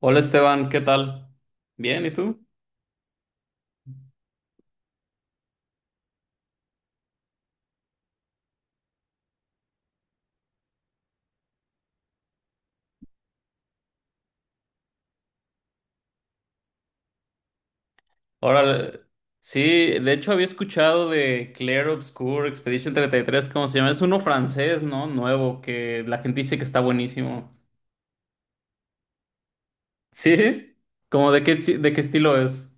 Hola Esteban, ¿qué tal? Bien, ¿y tú? Ahora, sí, de hecho había escuchado de Clair Obscur, Expedition 33, ¿cómo se llama? Es uno francés, ¿no? Nuevo, que la gente dice que está buenísimo. ¿Sí? ¿Cómo de qué, de qué estilo es?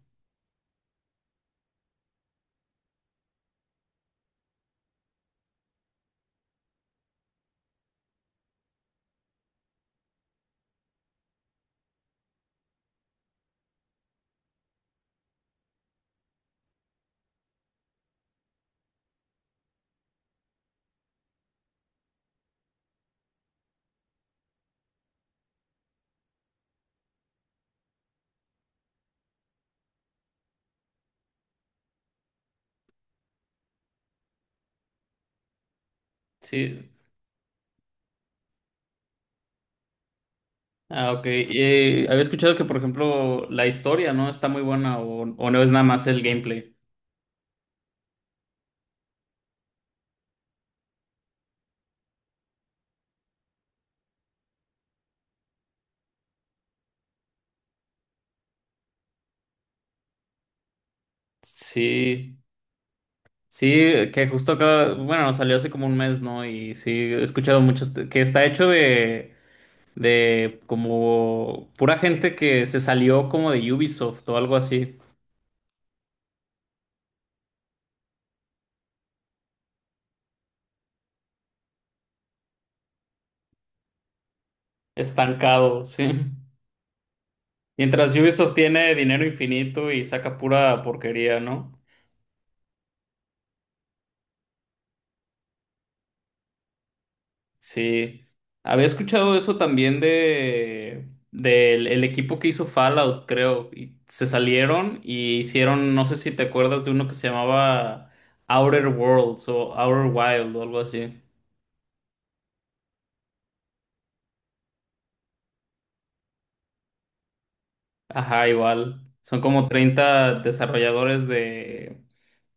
Sí. Ah, ok. Y había escuchado que, por ejemplo, la historia, ¿no? Está muy buena o no es nada más el gameplay. Sí, sí, que justo acá, bueno, salió hace como un mes, ¿no? Y sí, he escuchado muchos, que está hecho de como pura gente que se salió como de Ubisoft o algo así, estancado, sí. Mientras Ubisoft tiene dinero infinito y saca pura porquería, ¿no? Sí. Había escuchado eso también de del el equipo que hizo Fallout, creo. Y se salieron y hicieron, no sé si te acuerdas de uno que se llamaba Outer Worlds o Outer Wild o algo así. Ajá, igual. Son como 30 desarrolladores de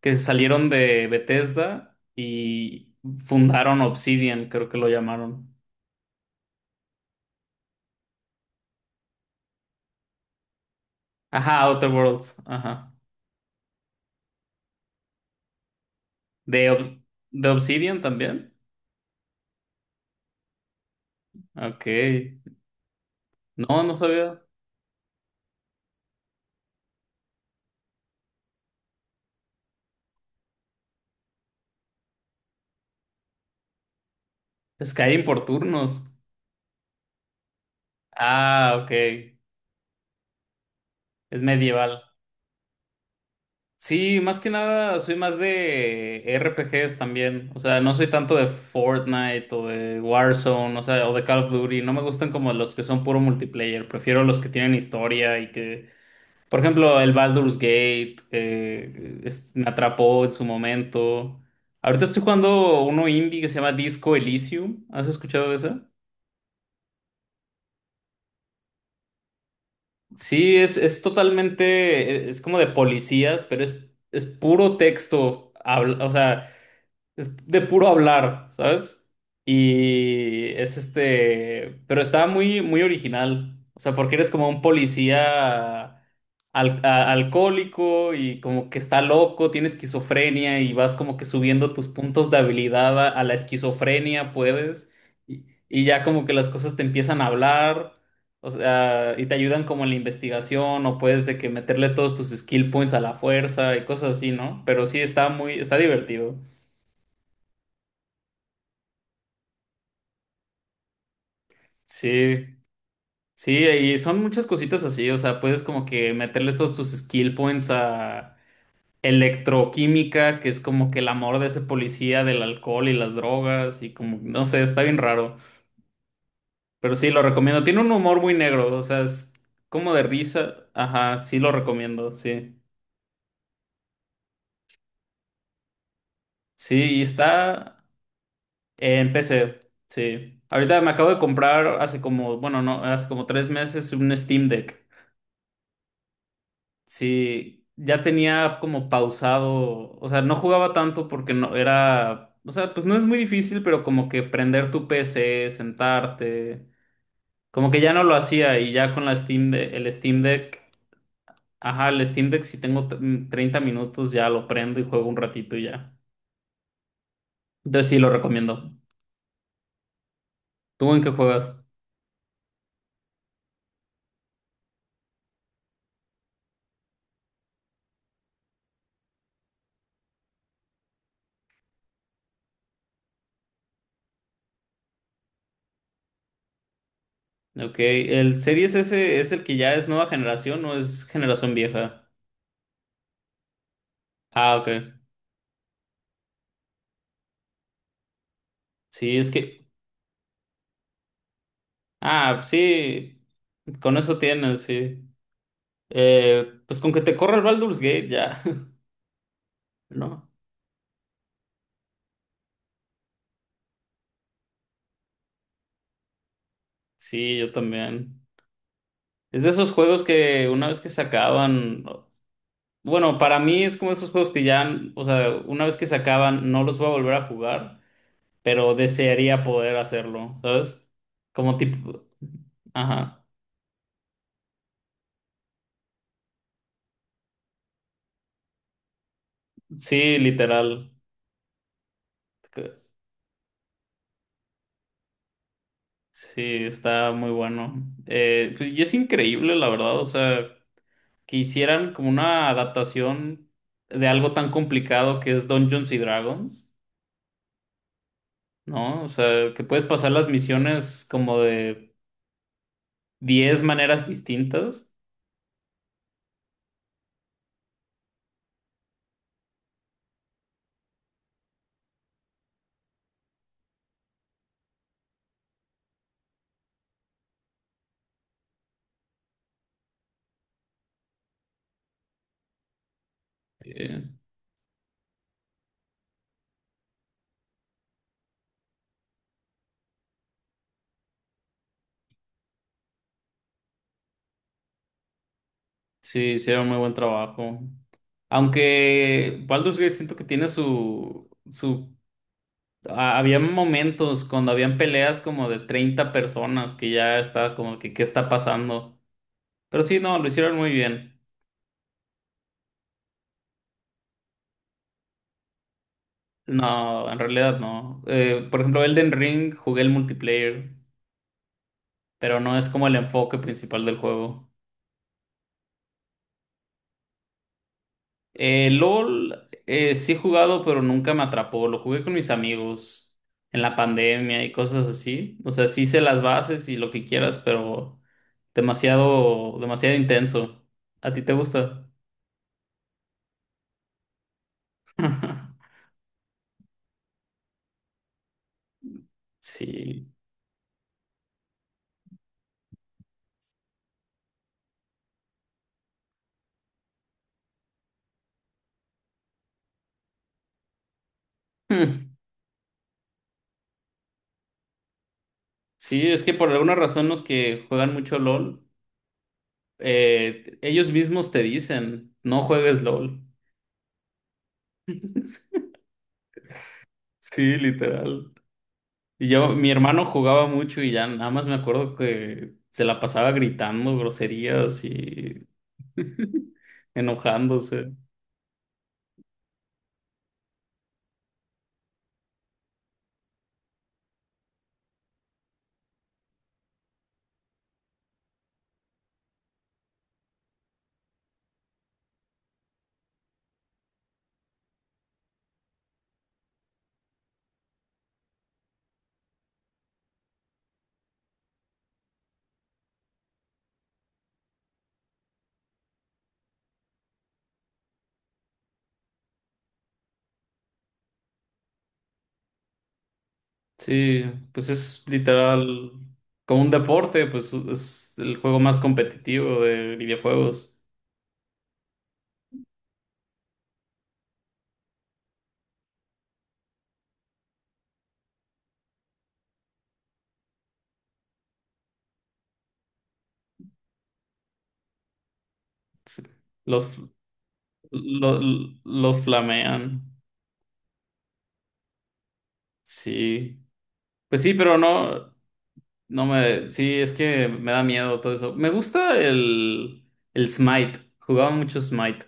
que salieron de Bethesda y fundaron Obsidian, creo que lo llamaron. Ajá, Outer Worlds, ajá. ¿De, Ob- de Obsidian también? Ok. No, no sabía. Skyrim por turnos. Ah, ok. Es medieval. Sí, más que nada soy más de RPGs también. O sea, no soy tanto de Fortnite o de Warzone, o sea, o de Call of Duty. No me gustan como los que son puro multiplayer. Prefiero los que tienen historia y que, por ejemplo, el Baldur's Gate me atrapó en su momento. Ahorita estoy jugando uno indie que se llama Disco Elysium. ¿Has escuchado de eso? Sí, es totalmente, es como de policías, pero es puro texto. O sea. Es de puro hablar, ¿sabes? Y es este, pero está muy, muy original. O sea, porque eres como un policía alcohólico y como que está loco, tiene esquizofrenia y vas como que subiendo tus puntos de habilidad a la esquizofrenia, puedes. Y ya como que las cosas te empiezan a hablar, o sea, y te ayudan como en la investigación o puedes de que meterle todos tus skill points a la fuerza y cosas así, ¿no? Pero sí está muy, está divertido. Sí, sí, y son muchas cositas así, o sea, puedes como que meterle todos tus skill points a electroquímica, que es como que el amor de ese policía del alcohol y las drogas y como, no sé, está bien raro, pero sí, lo recomiendo. Tiene un humor muy negro, o sea, es como de risa, ajá, sí lo recomiendo, sí. Sí, y está en PC, sí. Ahorita me acabo de comprar hace como, bueno, no, hace como 3 meses un Steam Deck. Sí, ya tenía como pausado, o sea, no jugaba tanto porque no era, o sea, pues no es muy difícil, pero como que prender tu PC, sentarte, como que ya no lo hacía y ya con la el Steam Deck, ajá, el Steam Deck si tengo 30 minutos ya lo prendo y juego un ratito y ya. Entonces sí lo recomiendo. ¿Tú en qué juegas? Ok, ¿el Series S es el que ya es nueva generación o es generación vieja? Ah, ok. Sí, es que, ah, sí, con eso tienes, sí. Pues con que te corra el Baldur's Gate ya, ¿no? Sí, yo también. Es de esos juegos que una vez que se acaban, bueno, para mí es como esos juegos que ya, o sea, una vez que se acaban no los voy a volver a jugar, pero desearía poder hacerlo, ¿sabes? Como tipo, ajá, sí, literal. Que- Sí, está muy bueno. Pues y es increíble, la verdad, o sea, que hicieran como una adaptación de algo tan complicado que es Dungeons y Dragons, ¿no? O sea, que puedes pasar las misiones como de 10 maneras distintas. Eh, sí, hicieron muy buen trabajo. Aunque Baldur's Gate siento que tiene su. Había momentos cuando habían peleas como de 30 personas que ya estaba como que, ¿qué está pasando? Pero sí, no, lo hicieron muy bien. No, en realidad no. Por ejemplo, Elden Ring jugué el multiplayer, pero no es como el enfoque principal del juego. LOL sí he jugado, pero nunca me atrapó. Lo jugué con mis amigos en la pandemia y cosas así. O sea, sí hice las bases y lo que quieras, pero demasiado, demasiado intenso. ¿A ti te gusta? Sí. Hmm. Sí, es que por alguna razón los que juegan mucho LOL, ellos mismos te dicen, no juegues LOL. Sí, literal. Y yo, mi hermano jugaba mucho y ya nada más me acuerdo que se la pasaba gritando groserías y enojándose. Sí, pues es literal como un deporte, pues es el juego más competitivo de videojuegos. Sí. Los, lo- los flamean. Sí. Pues sí, pero no. Sí, es que me da miedo todo eso. Me gusta el Smite. Jugaba mucho Smite.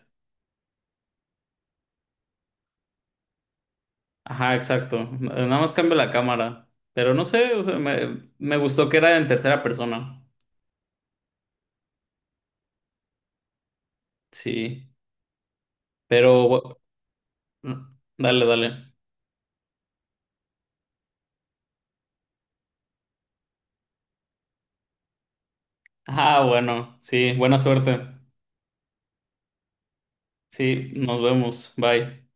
Ajá, exacto. Nada más cambio la cámara. Pero no sé, o sea, me gustó que era en tercera persona. Sí. Pero, mm, dale, dale. Ah, bueno, sí, buena suerte. Sí, nos vemos. Bye.